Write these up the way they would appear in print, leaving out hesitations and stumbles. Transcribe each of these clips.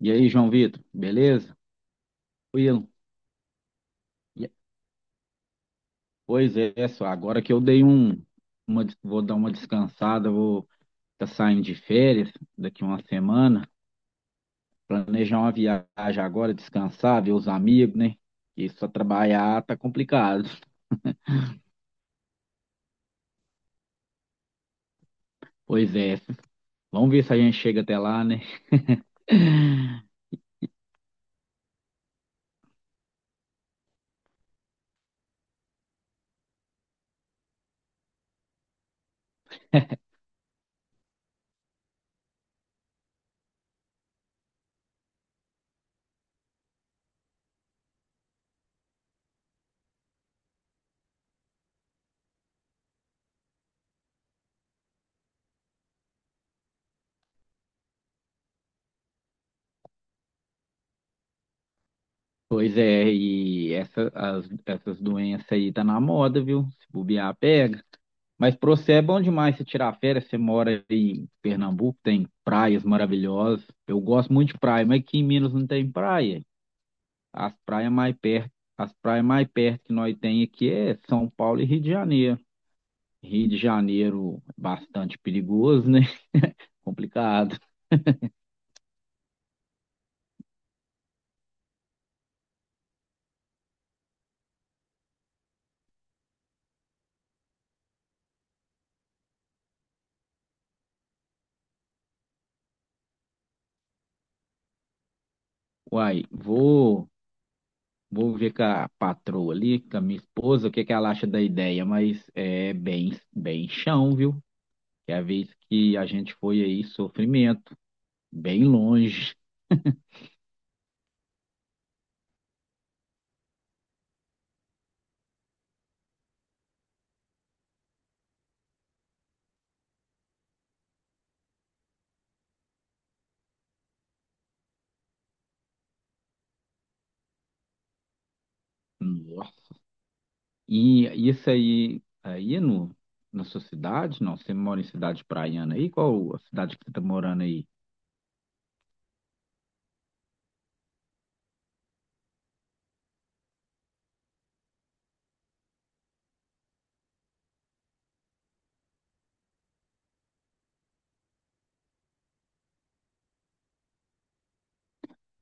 E aí, João Vitor, beleza? Tranquilo? E- Pois é, só agora que eu dei vou dar uma descansada, vou tá saindo de férias daqui uma semana, planejar uma viagem agora, descansar, ver os amigos, né? E só trabalhar tá complicado. Pois é, vamos ver se a gente chega até lá, né? Pois é, e essas doenças aí tá na moda, viu? Se bobear, pega. Mas pra você é bom demais você tirar férias. Você mora aí em Pernambuco, tem praias maravilhosas. Eu gosto muito de praia, mas aqui em Minas não tem praia. As praias mais perto, as praias mais perto que nós tem aqui é São Paulo e Rio de Janeiro. Rio de Janeiro é bastante perigoso, né? Complicado. Uai, vou ver com a patroa ali, com a minha esposa, o que que ela acha da ideia, mas é bem, bem chão, viu? Que é a vez que a gente foi aí, sofrimento, bem longe. Nossa. E isso aí, aí no, na sua cidade? Não, você mora em cidade praiana aí? Qual a cidade que você tá morando aí?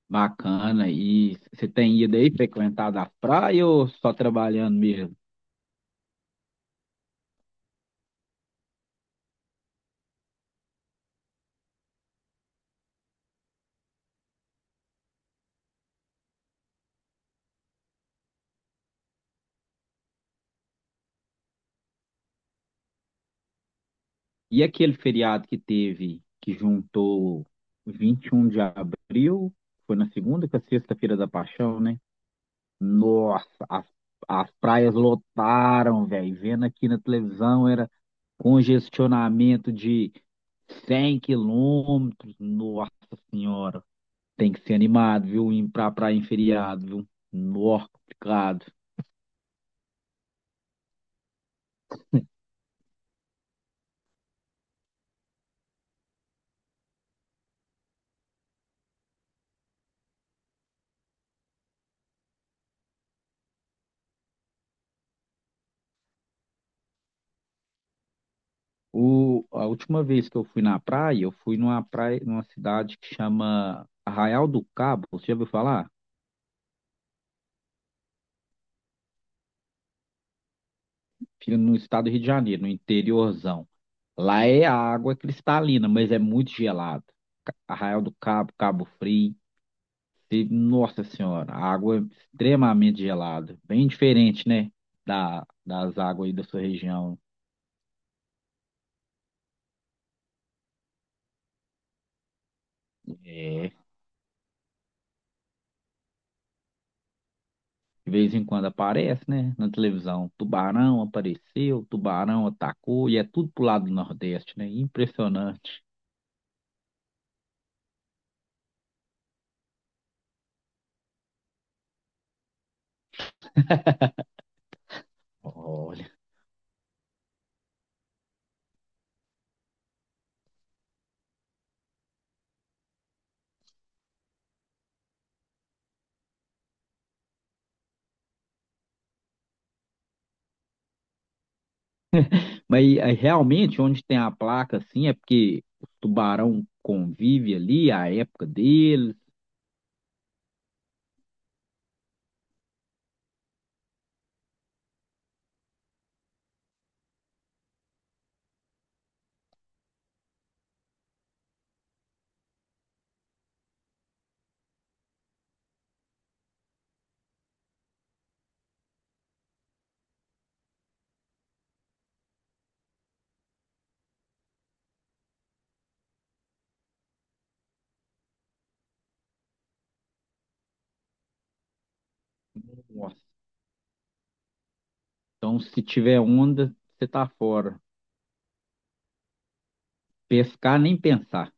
Bacana. E você tem ido aí frequentado a praia ou só trabalhando mesmo? E aquele feriado que teve, que juntou 21 de abril, foi na segunda com a sexta-feira da Paixão, né? Nossa, as, as praias lotaram, velho. Vendo aqui na televisão, congestionamento de 100 quilômetros. Nossa Senhora. Tem que ser animado, viu? Ir pra praia em feriado, viu? Nó, complicado. A última vez que eu fui na praia, eu fui numa praia, numa cidade que chama Arraial do Cabo. Você já ouviu falar? Fica no estado do Rio de Janeiro, no interiorzão. Lá é a água cristalina, mas é muito gelada. Arraial do Cabo, Cabo Frio. E, nossa senhora, água é extremamente gelada. Bem diferente, né? Das águas aí da sua região. É, de vez em quando aparece, né? Na televisão. Tubarão apareceu, tubarão atacou, e é tudo pro lado do Nordeste, né? Impressionante. Olha. Mas aí, realmente, onde tem a placa, assim, é porque o tubarão convive ali, a época deles. Nossa. Então, se tiver onda, você tá fora. Pescar, nem pensar.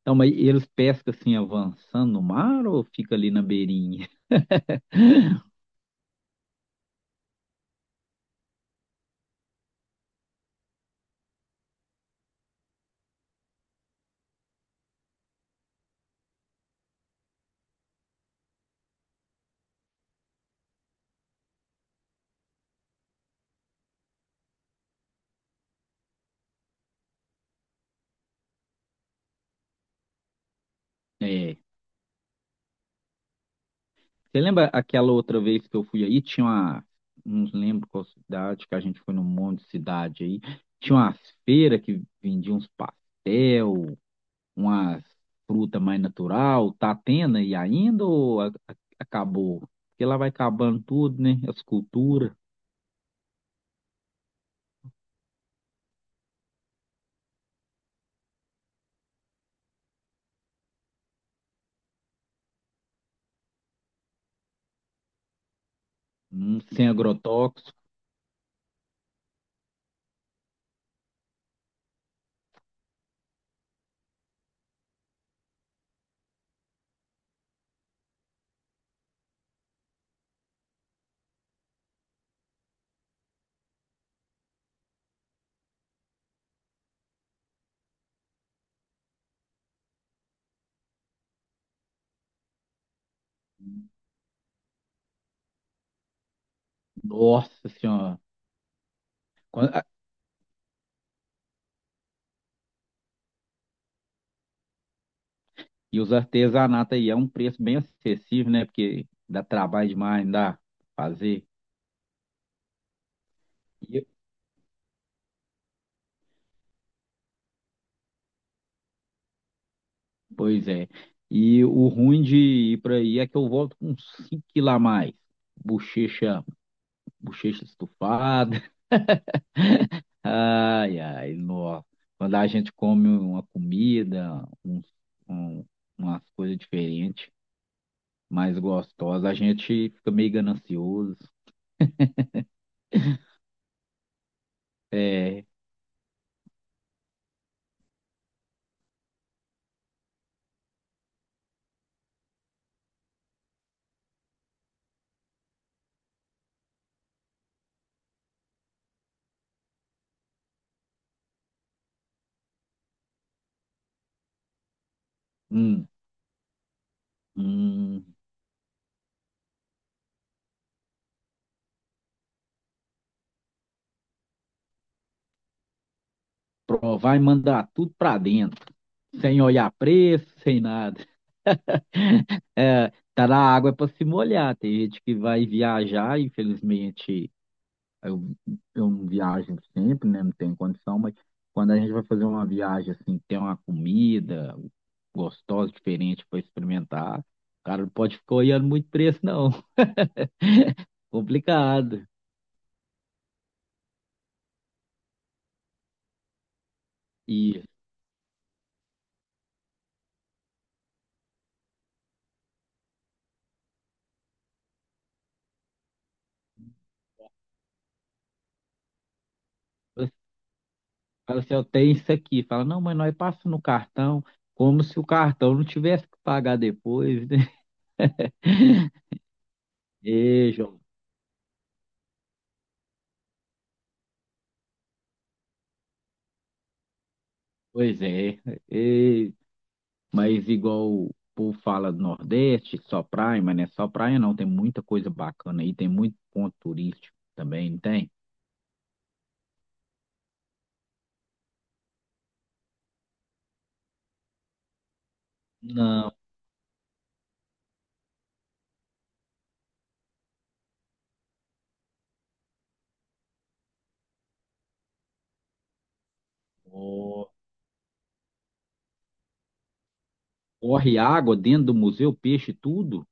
Então, mas eles pescam assim, avançando no mar ou fica ali na beirinha? É. Você lembra aquela outra vez que eu fui aí? Tinha uma. Não lembro qual cidade, que a gente foi num monte de cidade aí. Tinha umas feiras que vendiam uns pastel, umas fruta mais natural. Tá tendo aí ainda ou acabou? Porque lá vai acabando tudo, né? As culturas, sem agrotóxico. Nossa Senhora. Quan- E os artesanatos aí é um preço bem acessível, né? Porque dá trabalho demais, não dá pra fazer. E- Pois é. E o ruim de ir para aí é que eu volto com 5 quilos a mais. Bochecha, bochecha estufada. Ai, ai, nossa. Quando a gente come uma comida, um- umas coisas diferentes, mais gostosas, a gente fica meio ganancioso. É, hum, hum, provar e mandar tudo para dentro. Sem olhar preço, sem nada. É, tá na água para se molhar. Tem gente que vai viajar, infelizmente, eu, eu não viajo sempre, né? Não tenho condição, mas quando a gente vai fazer uma viagem assim, tem uma comida gostosa, diferente para experimentar, o cara não pode ficar olhando muito preço, não. Complicado. E você fala assim, eu tenho isso aqui. Fala, não, mas nós passamos no cartão, como se o cartão não tivesse que pagar depois, né? E, Pois é, e- mas igual o povo fala do Nordeste, só praia, mas não é só praia não, tem muita coisa bacana aí, tem muito ponto turístico também, não tem? Não, ó, corre água dentro do museu, peixe, tudo,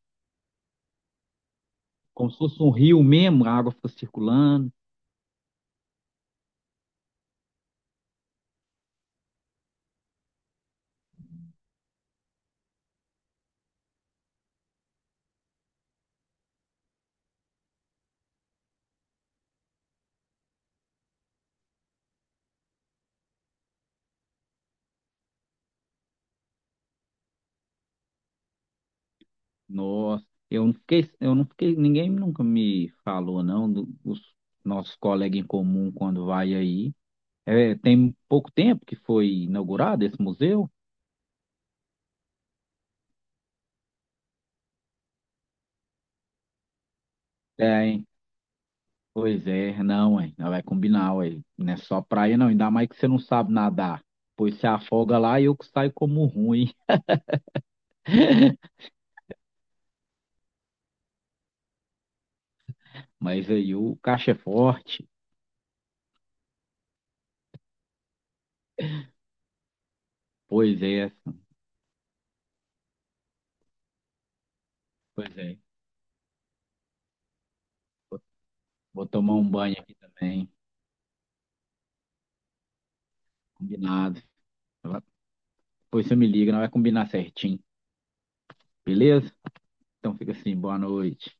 como se fosse um rio mesmo, a água fica circulando, nossa, eu não fiquei, ninguém nunca me falou não, do- os nossos colegas em comum quando vai aí, é, tem pouco tempo que foi inaugurado esse museu? Tem. Pois é, não, hein? Não vai combinar, ué. Não é só praia, não. Ainda mais que você não sabe nadar. Pois se afoga lá e eu que saio como ruim. Mas aí o caixa é forte. Pois é, pois é. Vou tomar um banho aqui também. Combinado. Vai- Pois você me liga, não vai combinar certinho. Beleza? Então fica assim, boa noite.